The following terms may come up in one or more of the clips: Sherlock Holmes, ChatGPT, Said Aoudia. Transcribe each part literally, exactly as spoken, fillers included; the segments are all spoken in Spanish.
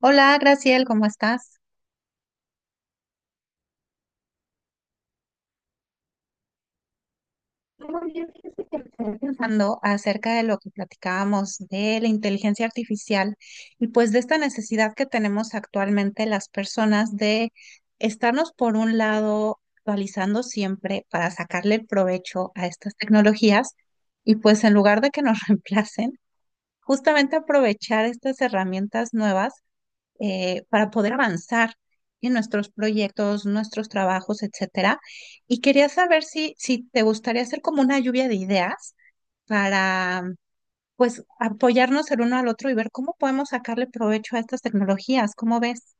Hola, Graciel, ¿cómo estás? Muy bien, fíjese que me quedé pensando acerca de lo que platicábamos de la inteligencia artificial y pues de esta necesidad que tenemos actualmente las personas de estarnos por un lado actualizando siempre para sacarle el provecho a estas tecnologías y pues en lugar de que nos reemplacen, justamente aprovechar estas herramientas nuevas, eh, para poder avanzar en nuestros proyectos, nuestros trabajos, etcétera. Y quería saber si, si te gustaría hacer como una lluvia de ideas para, pues, apoyarnos el uno al otro y ver cómo podemos sacarle provecho a estas tecnologías. ¿Cómo ves?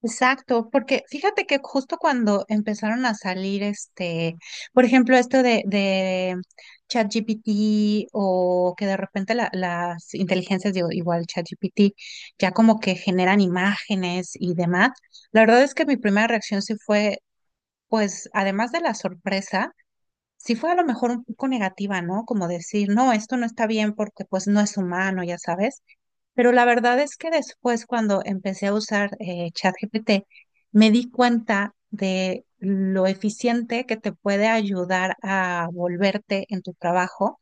Exacto, porque fíjate que justo cuando empezaron a salir este, por ejemplo, esto de, de ChatGPT o que de repente la- las inteligencias, digo, igual ChatGPT, ya como que generan imágenes y demás, la verdad es que mi primera reacción sí fue, pues, además de la sorpresa, sí fue a lo mejor un poco negativa, ¿no? Como decir, no, esto no está bien porque pues no es humano, ya sabes. Pero la verdad es que después, cuando empecé a usar eh, ChatGPT, me di cuenta de lo eficiente que te puede ayudar a volverte en tu trabajo.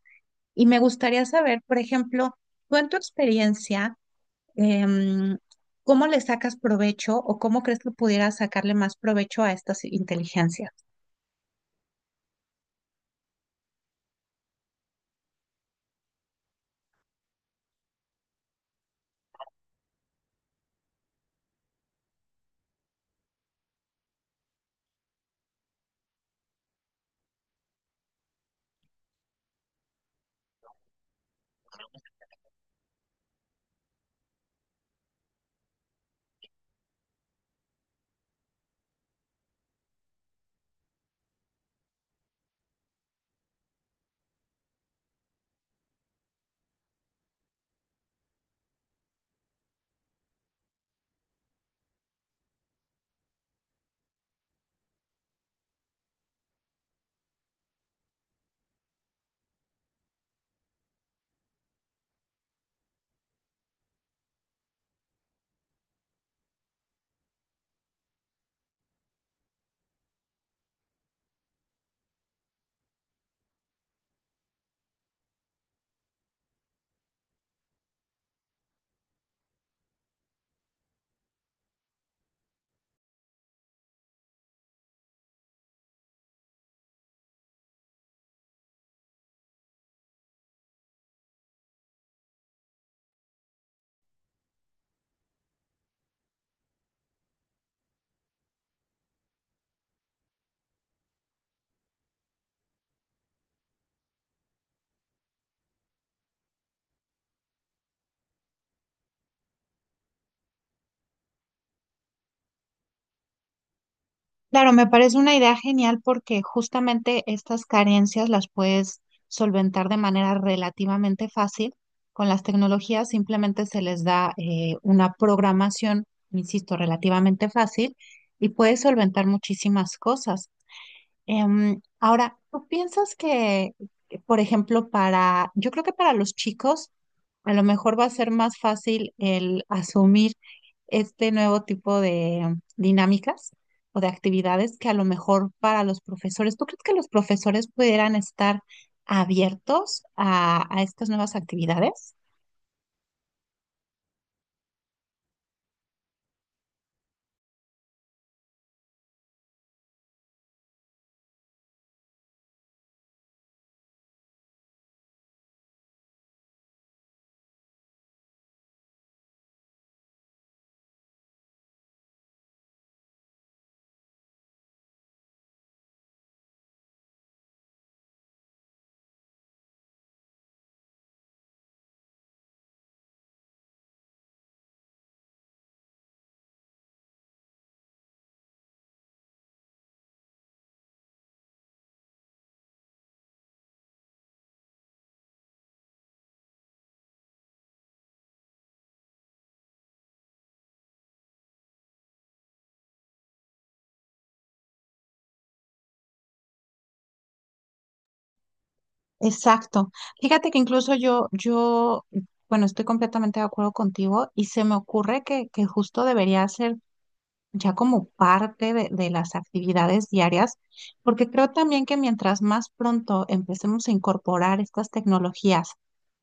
Y me gustaría saber, por ejemplo, tú en tu experiencia, em, ¿cómo le sacas provecho o cómo crees que pudieras sacarle más provecho a estas inteligencias? Claro, me parece una idea genial porque justamente estas carencias las puedes solventar de manera relativamente fácil con las tecnologías. Simplemente se les da eh, una programación, insisto, relativamente fácil y puedes solventar muchísimas cosas. Em, ahora, ¿tú piensas que, que, por ejemplo, para, yo creo que para los chicos, a lo mejor va a ser más fácil el asumir este nuevo tipo de dinámicas o de actividades que a lo mejor para los profesores? ¿Tú crees que los profesores pudieran estar abiertos a, a estas nuevas actividades? Exacto. Fíjate que incluso yo, yo, bueno, estoy completamente de acuerdo contigo y se me ocurre que, que justo debería ser ya como parte de, de las actividades diarias, porque creo también que mientras más pronto empecemos a incorporar estas tecnologías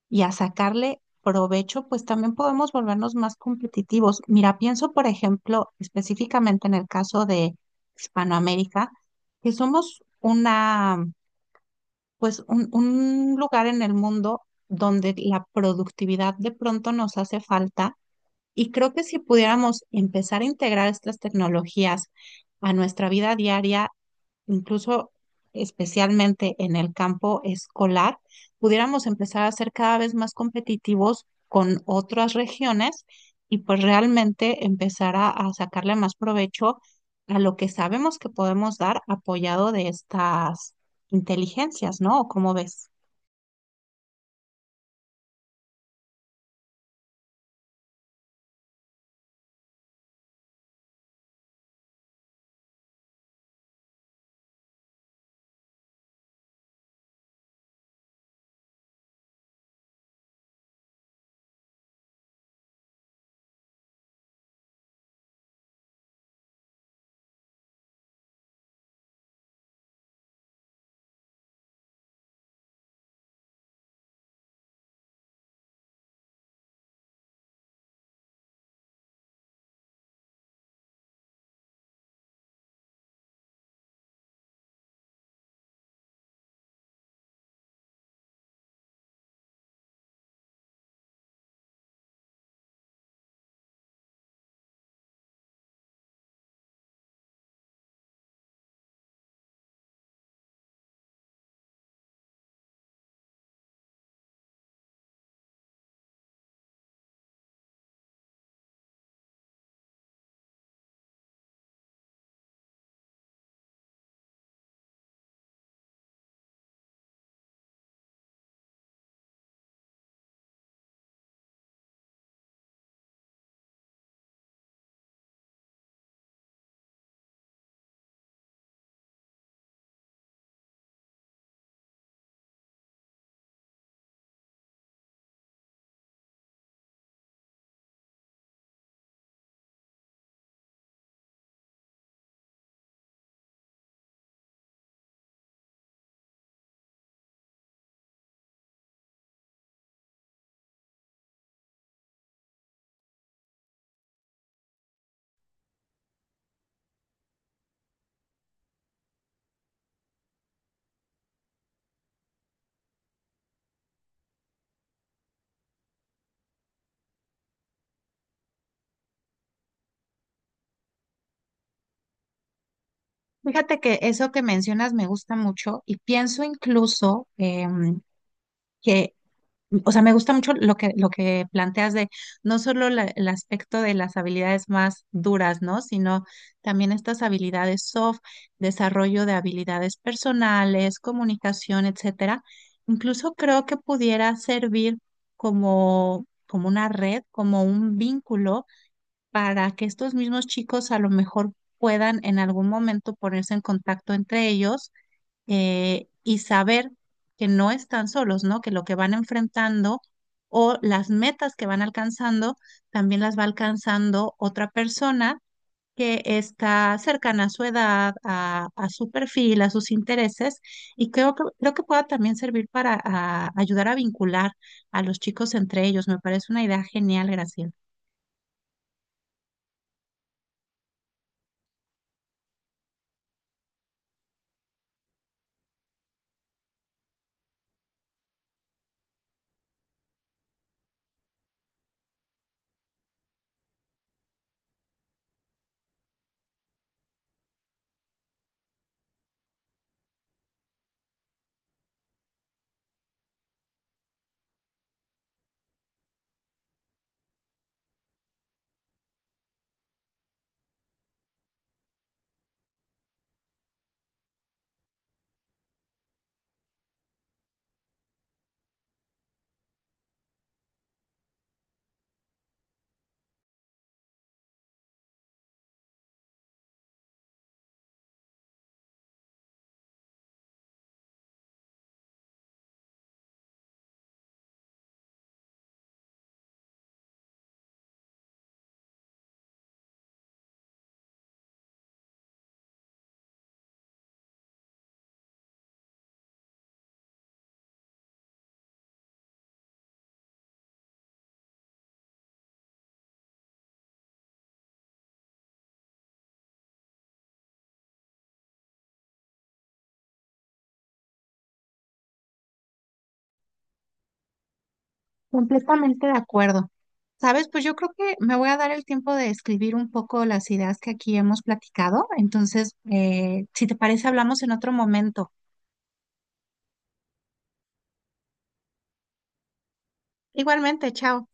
y a sacarle provecho, pues también podemos volvernos más competitivos. Mira, pienso, por ejemplo, específicamente en el caso de Hispanoamérica, que somos una, pues un, un lugar en el mundo donde la productividad de pronto nos hace falta y creo que si pudiéramos empezar a integrar estas tecnologías a nuestra vida diaria, incluso especialmente en el campo escolar, pudiéramos empezar a ser cada vez más competitivos con otras regiones y pues realmente empezar a, a sacarle más provecho a lo que sabemos que podemos dar apoyado de estas inteligencias, ¿no? ¿O ¿Cómo ves? Fíjate que eso que mencionas me gusta mucho y pienso incluso em, que o sea, me gusta mucho lo que, lo que planteas de no solo la- el aspecto de las habilidades más duras, ¿no? Sino también estas habilidades soft, desarrollo de habilidades personales, comunicación, etcétera. Incluso creo que pudiera servir como, como una red, como un vínculo para que estos mismos chicos a lo mejor puedan en algún momento ponerse en contacto entre ellos eh, y saber que no están solos, ¿no? Que lo que van enfrentando o las metas que van alcanzando también las va alcanzando otra persona que está cercana a su edad, a, a su perfil, a sus intereses, y creo que, creo que pueda también servir para a, ayudar a vincular a los chicos entre ellos. Me parece una idea genial, Graciela. Completamente de acuerdo. Sabes, pues yo creo que me voy a dar el tiempo de escribir un poco las ideas que aquí hemos platicado. Entonces, eh, si te parece, hablamos en otro momento. Igualmente, chao.